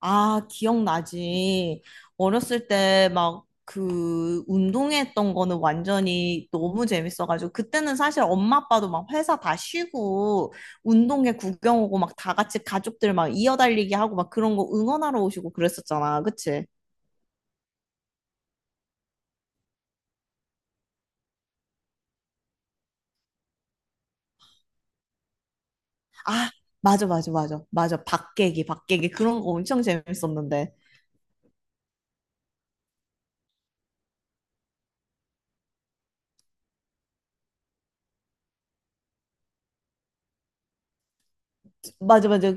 아, 기억나지. 어렸을 때 막 그 운동했던 거는 완전히 너무 재밌어가지고, 그때는 사실 엄마 아빠도 막 회사 다 쉬고 운동회 구경 오고 막 다 같이 가족들 막 이어달리기 하고 막 그런 거 응원하러 오시고 그랬었잖아. 그치? 아, 맞아, 맞아, 맞아. 맞아. 박계기, 박계기. 그런 거 엄청 재밌었는데. 맞아, 맞아.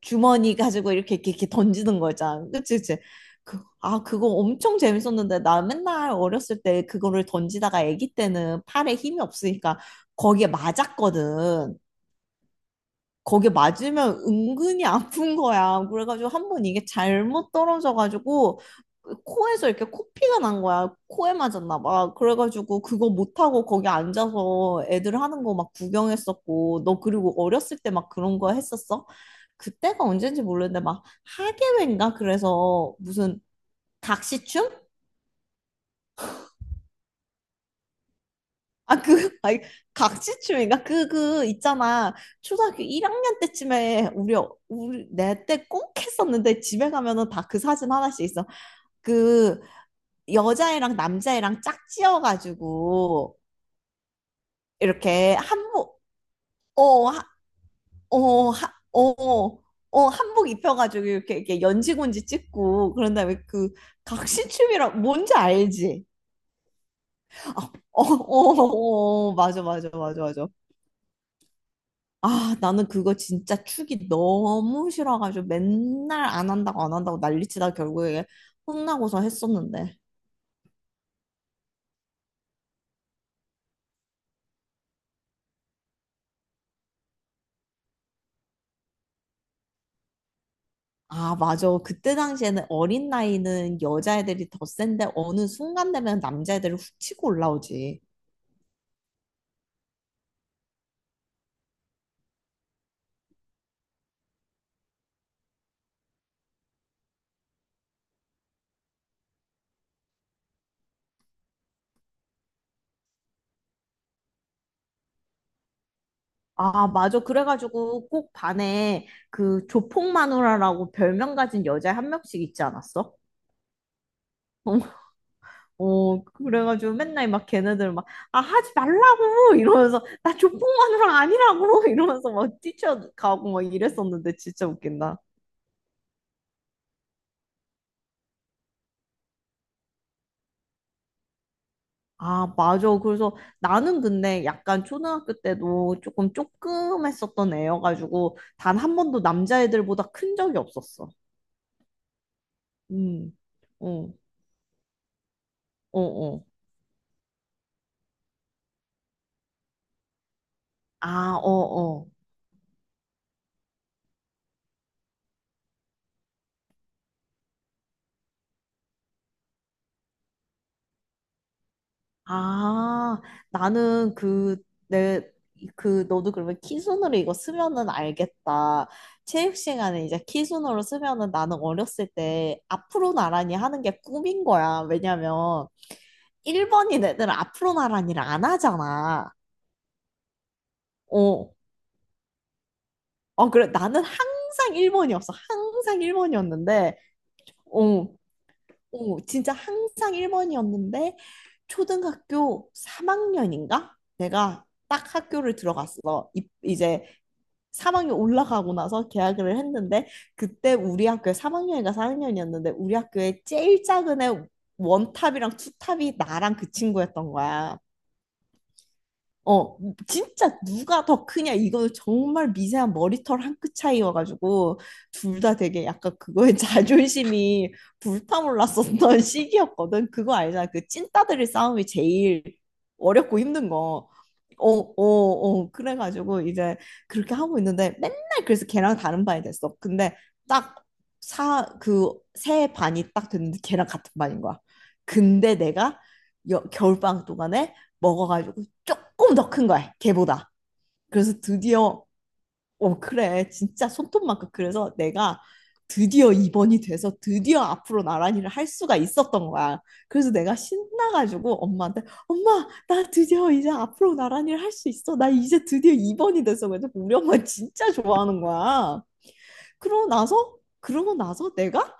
주머니 가지고 이렇게 던지는 거 있잖아. 그치, 그치. 아, 그거 엄청 재밌었는데, 나 맨날 어렸을 때 그거를 던지다가 아기 때는 팔에 힘이 없으니까 거기에 맞았거든. 거기에 맞으면 은근히 아픈 거야. 그래가지고 한 번 이게 잘못 떨어져가지고 코에서 이렇게 코피가 난 거야. 코에 맞았나 봐. 그래가지고 그거 못하고 거기 앉아서 애들 하는 거 막 구경했었고. 너 그리고 어렸을 때 막 그런 거 했었어? 그때가 언젠지 모르는데 막 하계회인가? 그래서 무슨 각시춤? 아, 그, 아니, 각시춤인가? 있잖아. 초등학교 1학년 때쯤에 내 때 꼭 했었는데, 집에 가면은 다 그 사진 하나씩 있어. 그, 여자애랑 남자애랑 짝지어가지고, 이렇게 한복, 어, 하, 어, 하, 어, 어, 한복 입혀가지고 이렇게 연지곤지 찍고, 그런 다음에, 각시춤이라, 뭔지 알지? 어, 어, 어, 어, 어, 맞아, 맞아, 맞아, 맞아. 아, 나는 그거 진짜 축이 너무 싫어가지고 맨날 안 한다고 안 한다고 난리치다 결국에 혼나고서 했었는데. 아, 맞아. 그때 당시에는 어린 나이는 여자애들이 더 센데 어느 순간 되면 남자애들이 훅 치고 올라오지. 아, 맞아. 그래가지고 꼭 반에 그 조폭마누라라고 별명 가진 여자 한 명씩 있지 않았어? 어, 그래가지고 맨날 막 걔네들 막, 아, 하지 말라고! 이러면서, 나 조폭마누라 아니라고! 이러면서 막 뛰쳐가고 막 이랬었는데 진짜 웃긴다. 아, 맞아. 그래서 나는 근데 약간 초등학교 때도 조금 쪼금했었던 애여가지고 단 한 번도 남자애들보다 큰 적이 없었어. 음, 어, 어, 어. 아, 어, 어. 아, 나는 그, 내, 그, 너도 그러면 키순으로 이거 쓰면은 알겠다. 체육 시간에 이제 키순으로 쓰면은 나는 어렸을 때 앞으로 나란히 하는 게 꿈인 거야. 왜냐면 1번인 애들은 앞으로 나란히를 안 하잖아. 어, 어, 그래. 나는 항상 1번이었어. 항상 1번이었는데, 오, 진짜 항상 1번이었는데, 초등학교 3학년인가? 내가 딱 학교를 들어갔어. 이제 3학년 올라가고 나서 개학을 했는데, 그때 우리 학교에 3학년인가 4학년이었는데, 우리 학교에 제일 작은 애 원탑이랑 투탑이 나랑 그 친구였던 거야. 어, 진짜 누가 더 크냐, 이거는 정말 미세한 머리털 한 끗 차이여가지고, 둘 다 되게 약간 그거에 자존심이 불타올랐었던 시기였거든. 그거 알잖아. 그 찐따들의 싸움이 제일 어렵고 힘든 거. 어, 어, 어. 그래가지고 이제 그렇게 하고 있는데, 맨날, 그래서 걔랑 다른 반이 됐어. 근데 딱, 새 반이 딱 됐는데 걔랑 같은 반인 거야. 근데 내가 겨울방학 동안에 먹어가지고 조금 더 큰 거야, 걔보다. 그래서 드디어, 어, 그래. 진짜 손톱만큼. 그래서 내가 드디어 입원이 돼서 드디어 앞으로 나란히를 할 수가 있었던 거야. 그래서 내가 신나가지고 엄마한테, 엄마, 나 드디어 이제 앞으로 나란히를 할 수 있어. 나 이제 드디어 입원이 됐어. 그래서 우리 엄마 진짜 좋아하는 거야. 그러고 나서 내가,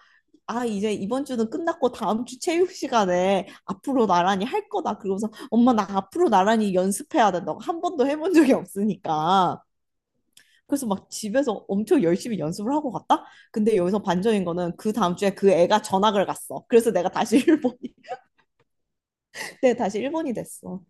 아, 이제 이번 주는 끝났고 다음 주 체육 시간에 앞으로 나란히 할 거다, 그러면서 엄마 나 앞으로 나란히 연습해야 된다고, 한 번도 해본 적이 없으니까 그래서 막 집에서 엄청 열심히 연습을 하고 갔다. 근데 여기서 반전인 거는, 그 다음 주에 그 애가 전학을 갔어. 그래서 내가 다시 일본이, 그때 다시 일본이 됐어.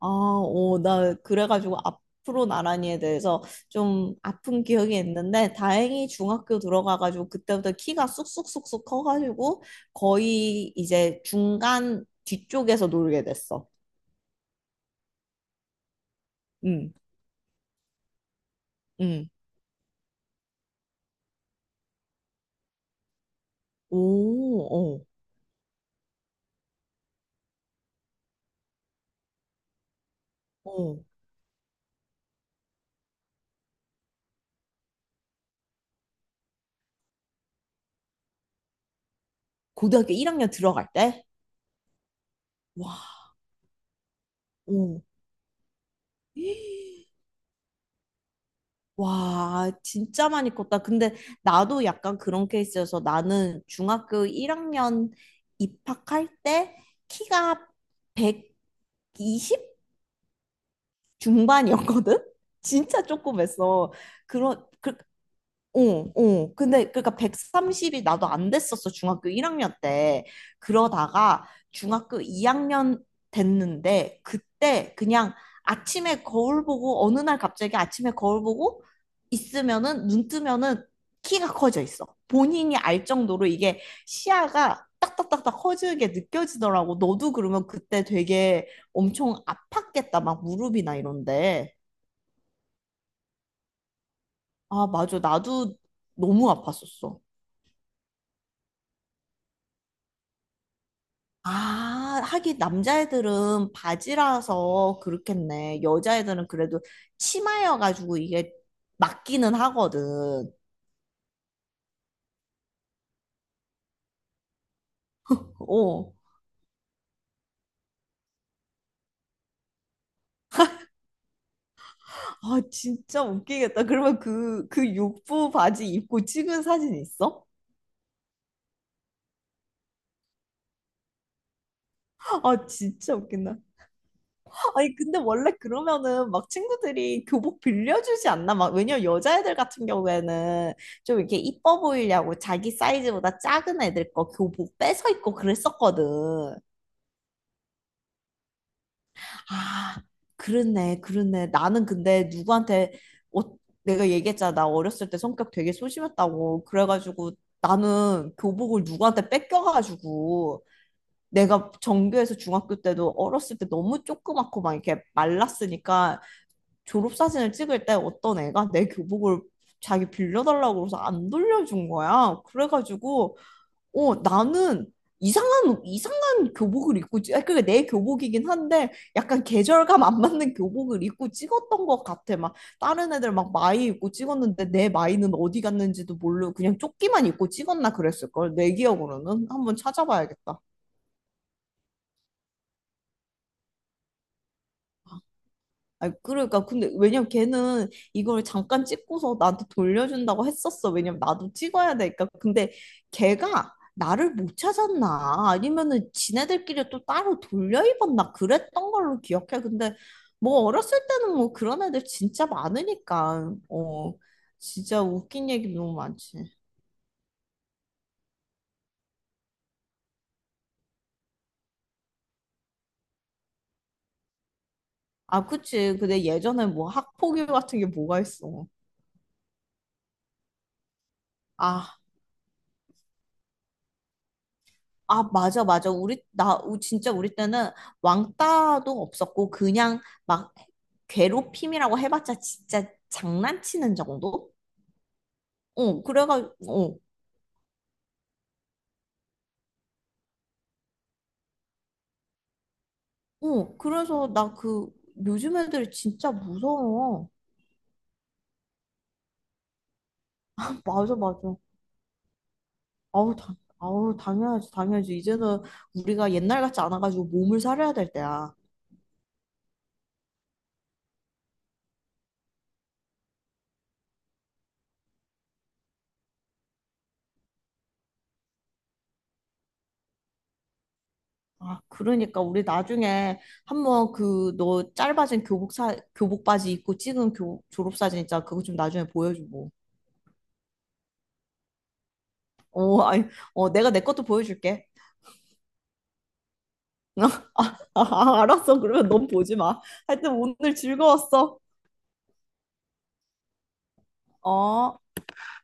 아, 오, 나 그래가지고 앞으로 나란히에 대해서 좀 아픈 기억이 있는데 다행히 중학교 들어가가지고 그때부터 키가 쑥쑥쑥쑥 커가지고 거의 이제 중간 뒤쪽에서 놀게 됐어. 응, 응. 오, 어, 어. 고등학교 1학년 들어갈 때? 와, 오. 와, 진짜 많이 컸다. 근데 나도 약간 그런 케이스여서 나는 중학교 1학년 입학할 때 키가 120 중반이었거든? 진짜 조그맸어. 그런, 그, 어, 어. 근데 그러니까 130이 나도 안 됐었어. 중학교 1학년 때. 그러다가 중학교 2학년 됐는데 그때 그냥, 아침에 거울 보고, 어느 날 갑자기 아침에 거울 보고 있으면은 눈 뜨면은 키가 커져 있어. 본인이 알 정도로 이게 시야가 딱딱딱딱 커지게 느껴지더라고. 너도 그러면 그때 되게 엄청 아팠겠다, 막 무릎이나 이런데. 아, 맞아. 나도 너무 아팠었어. 아, 하긴 남자애들은 바지라서 그렇겠네. 여자애들은 그래도 치마여가지고 이게 맞기는 하거든. 어. 아, 진짜 웃기겠다. 그러면 그 육부 바지 입고 찍은 사진 있어? 아, 진짜 웃긴다. 아니, 근데 원래 그러면은 막 친구들이 교복 빌려주지 않나? 막, 왜냐면 여자애들 같은 경우에는 좀 이렇게 이뻐 보이려고 자기 사이즈보다 작은 애들 거 교복 뺏어 입고 그랬었거든. 아, 그렇네, 그렇네. 나는 근데 누구한테, 어, 내가 얘기했잖아, 나 어렸을 때 성격 되게 소심했다고. 그래가지고 나는 교복을 누구한테 뺏겨가지고, 내가 전교에서 중학교 때도 어렸을 때 너무 조그맣고 막 이렇게 말랐으니까, 졸업사진을 찍을 때 어떤 애가 내 교복을 자기 빌려달라고 그래서 안 돌려준 거야. 그래가지고 나는 이상한, 이상한 교복을 입고, 아, 그게 내 교복이긴 한데, 약간 계절감 안 맞는 교복을 입고 찍었던 것 같아. 막, 다른 애들 막 마이 입고 찍었는데, 내 마이는 어디 갔는지도 모르고, 그냥 조끼만 입고 찍었나 그랬을걸, 내 기억으로는. 한번 찾아봐야겠다. 아, 그러니까 근데 왜냐면 걔는 이걸 잠깐 찍고서 나한테 돌려준다고 했었어. 왜냐면 나도 찍어야 되니까. 근데 걔가 나를 못 찾았나 아니면은 지네들끼리 또 따로 돌려 입었나 그랬던 걸로 기억해. 근데 뭐 어렸을 때는 뭐 그런 애들 진짜 많으니까, 진짜 웃긴 얘기 너무 많지. 아, 그치. 근데 예전에 뭐 학폭위 같은 게 뭐가 있어. 아, 아, 맞아, 맞아. 진짜 우리 때는 왕따도 없었고, 그냥 막 괴롭힘이라고 해봤자 진짜 장난치는 정도? 어, 그래가, 어, 그래서 요즘 애들이 진짜 무서워. 맞아, 맞아. 아우, 당연하지, 당연하지. 이제는 우리가 옛날 같지 않아가지고 몸을 사려야 될 때야. 아, 그러니까 우리 나중에 한번 그 너 짧아진 교복 사 교복 바지 입고 찍은 교 졸업 사진 있잖아. 그거 좀 나중에 보여주고. 어, 아니, 내가 내 것도 보여줄게. 아, 알았어. 그러면 넌 보지 마. 하여튼 오늘 즐거웠어. 어.